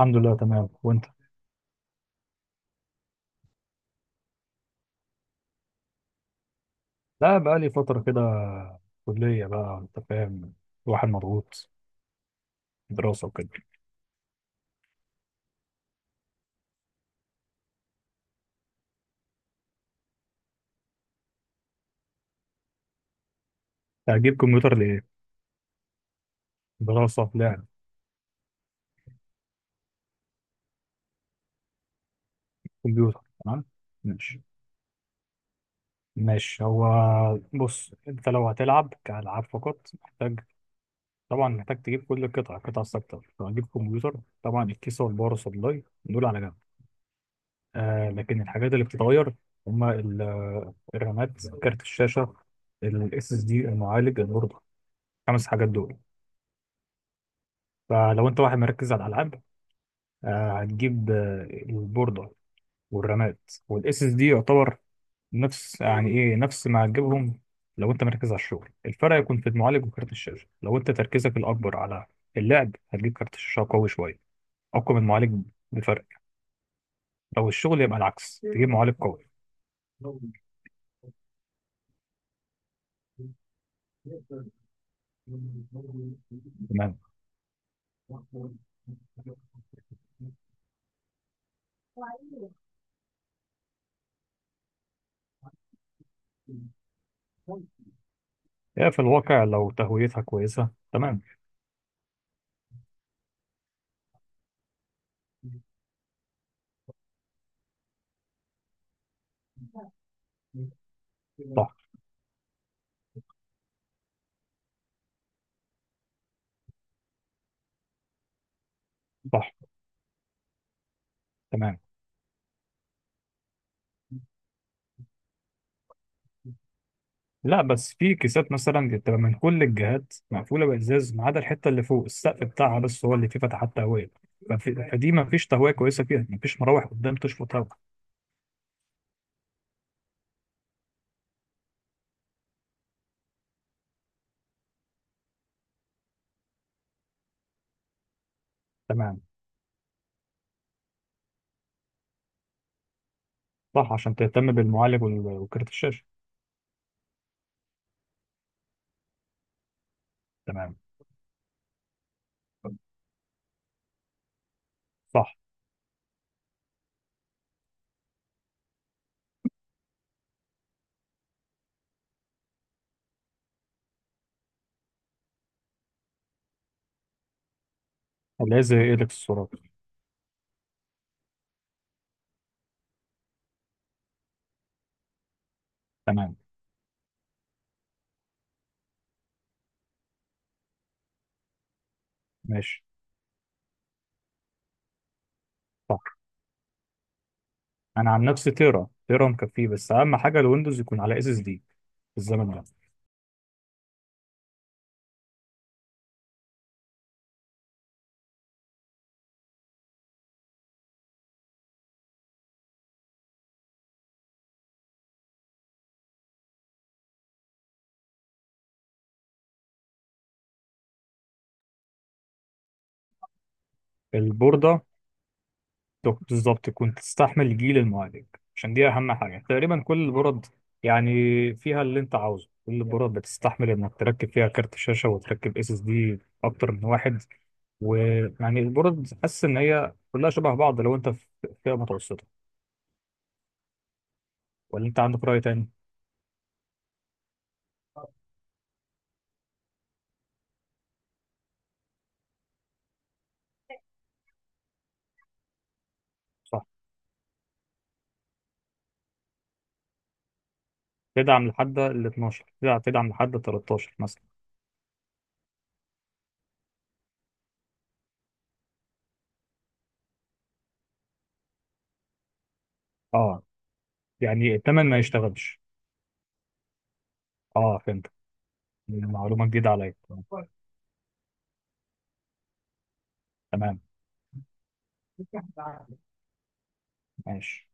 الحمد لله تمام وانت. لا، بقى لي فتره كده. كليه، بقى انت فاهم، الواحد مضغوط، دراسه وكده. هجيب كمبيوتر لايه؟ دراسه، لعب. كمبيوتر، تمام. ماشي. ماشي هو. بص، انت لو هتلعب كالعاب فقط محتاج، طبعا محتاج تجيب كل القطع، الثابته، لو هتجيب كمبيوتر. طبعا الكيسه والباور سبلاي دول على جنب. آه، لكن الحاجات اللي بتتغير هما الرامات، كارت الشاشه، الاس اس دي، المعالج، البورده. خمس حاجات دول. فلو انت واحد مركز على الالعاب، هتجيب البورده والرامات والاس اس دي يعتبر نفس، يعني ايه، نفس ما هتجيبهم. لو انت مركز على الشغل، الفرق يكون في المعالج وكارت الشاشه. لو انت تركيزك الاكبر على اللعب، هتجيب كارت شاشه قوي شويه، اقوى من المعالج بفرق. لو الشغل يبقى العكس، تجيب معالج قوي. تمام. هي في الواقع لو تهويتها كويسه، تمام. صح. صح، تمام. لا، بس في كيسات مثلا بتبقى من كل الجهات مقفوله بازاز ما عدا الحته اللي فوق السقف بتاعها، بس هو اللي فيه فتحات تهويه. فدي ما فيش تهويه كويسه فيها، ما فيش مراوح قدام تشفط هوا. تمام. صح، عشان تهتم بالمعالج وكارت الشاشه. تمام. صح. اللي هي زي إيدكس الصورات. تمام. ماشي. صح، انا عن نفسي تيرا، تيرا مكفيه، بس اهم حاجه الويندوز يكون على اس اس دي في الزمن ده. البورده بالظبط كنت تستحمل جيل المعالج، عشان دي اهم حاجه تقريبا. كل البرد يعني فيها اللي انت عاوزه، كل البرد بتستحمل انك تركب فيها كارت شاشه وتركب اس اس دي اكتر من واحد. ويعني البرد حاسس ان هي كلها شبه بعض لو انت في فئه متوسطه، ولا انت عندك راي تاني؟ صح، تدعم لحد ال 12، تدعم لحد ال 13 مثلا. اه. يعني الثمن ما يشتغلش. اه، فهمت. معلومه جديده عليا. تمام. ماشي.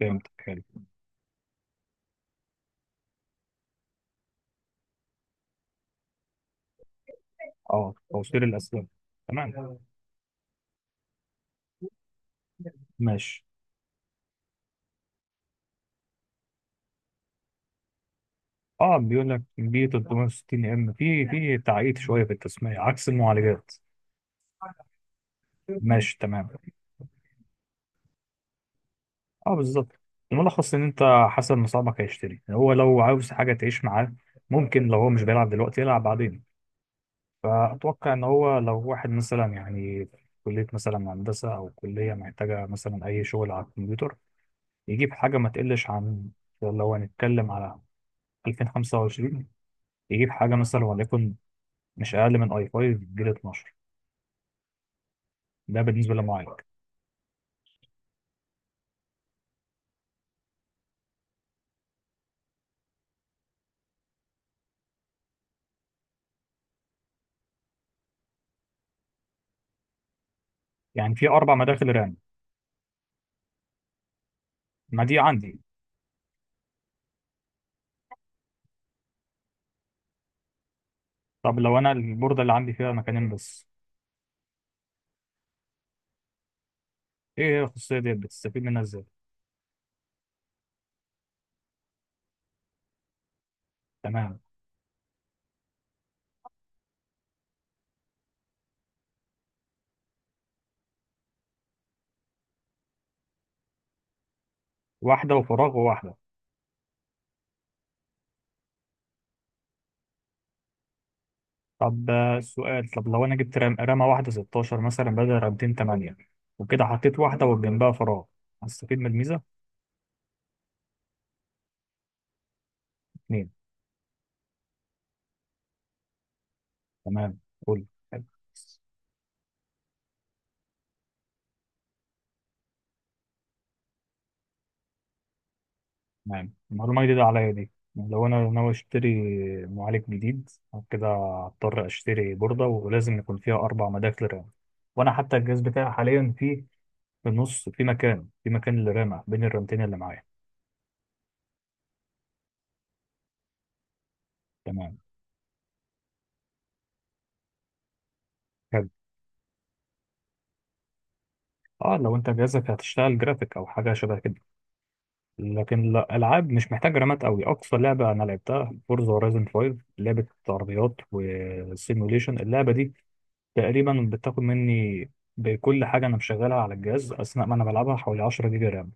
فهمت. اه، توصيل الاسلاك. تمام. ماشي. اه، بيقول لك بي 360 ام، في تعقيد شويه في التسميه عكس المعالجات. ماشي، تمام. اه، بالظبط. الملخص ان انت حسب مصابك هيشتري. هو لو عاوز حاجه تعيش معاه، ممكن لو هو مش بيلعب دلوقتي يلعب بعدين. فاتوقع ان هو لو واحد مثلا، يعني في كليه مثلا هندسه او كليه محتاجه مثلا اي شغل على الكمبيوتر، يجيب حاجه ما تقلش عن، لو هنتكلم على 2025، يجيب حاجه مثلا وليكن مش اقل من اي 5 جيل 12. ده بالنسبه للمعالج. يعني في اربع مداخل رام. ما دي عندي. طب لو انا البورده اللي عندي فيها مكانين بس؟ ايه هي الخصوصيه ديت بتستفيد منها ازاي؟ تمام. واحده وفراغ وواحده. طب سؤال، طب لو انا جبت رامه واحده 16 مثلا بدل رامتين 8، وكده حطيت واحده وجنبها فراغ، هستفيد من الميزه؟ اتنين. تمام. قول. حلو. تمام، معلومة جديدة عليا دي. لو أنا ناوي أشتري معالج جديد كده، هضطر أشتري بوردة ولازم يكون فيها أربع مداخل رام. وأنا حتى الجهاز بتاعي حاليا فيه، في مكان في مكان للرامة بين الرامتين اللي معايا. تمام. حلو. اه، لو انت جهازك هتشتغل جرافيك او حاجه شبه كده. لكن لا، العاب مش محتاج رامات قوي. اقصى لعبه انا لعبتها فورزا هورايزن 5، لعبه عربيات وسيموليشن، اللعبه دي تقريبا بتاخد مني، بكل حاجة أنا مشغلها على الجهاز أثناء ما أنا بلعبها، حوالي 10 جيجا رام.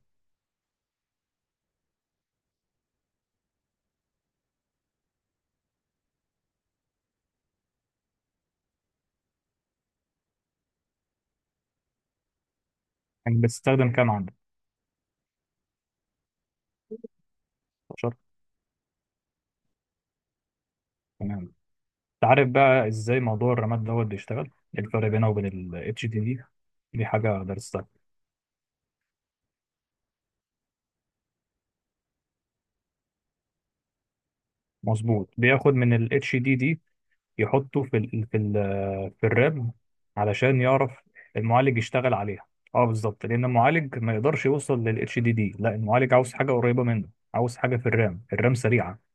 يعني بتستخدم كام عندك؟ 10. تمام أنت. عارف بقى إزاي موضوع الرامات دوت بيشتغل؟ إيه الفرق بينه وبين ال HDD دي؟ دي حاجة درستها. مظبوط، بياخد من ال HDD يحطه في في الرام، علشان يعرف المعالج يشتغل عليها. اه، بالظبط، لأن المعالج ما يقدرش يوصل لل HDD. لا، المعالج عاوز حاجة قريبة منه، عاوز حاجة في الرام. الرام سريعة.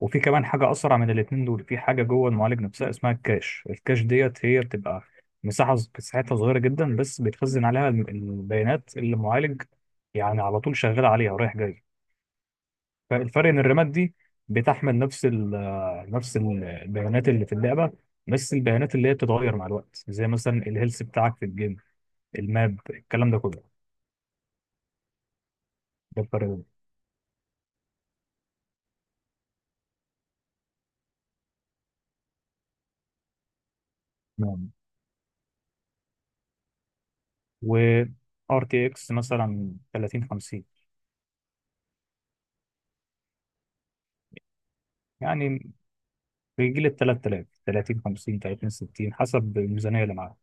وفي كمان حاجة أسرع من الاتنين دول، في حاجة جوه المعالج نفسها اسمها الكاش. الكاش ديت هي بتبقى مساحتها صغيرة جدا، بس بتخزن عليها البيانات اللي المعالج يعني على طول شغال عليها ورايح جاي. فالفرق إن الرامات دي بتحمل نفس البيانات اللي في اللعبة، بس البيانات اللي هي بتتغير مع الوقت، زي مثلا الهيلث بتاعك في الجيم، الماب، الكلام ده كله. ده الفرق. ده و ار تي اكس مثلا 30 50. يعني في جيل ال 3000، 30 50، 30 60، حسب الميزانية اللي معاه.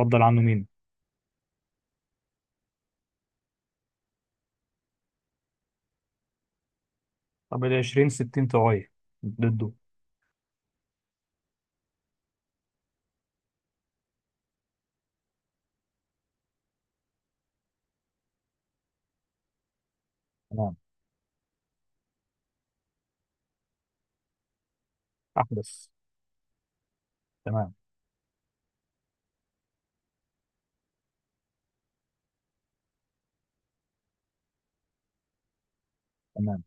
اتفضل عنه مين؟ طب ال 20 60 طوعية ضده؟ تمام. أحدث. تمام. تمام.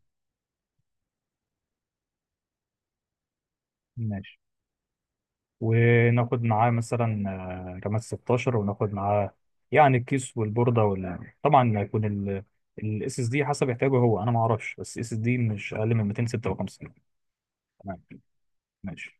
ماشي. وناخد معاه مثلا، رامات 16. وناخد معاه يعني الكيس والبوردة وال... طبعا هيكون الاس اس دي حسب احتياجه هو، انا ما اعرفش، بس اس اس دي مش اقل من 256. تمام. ماشي.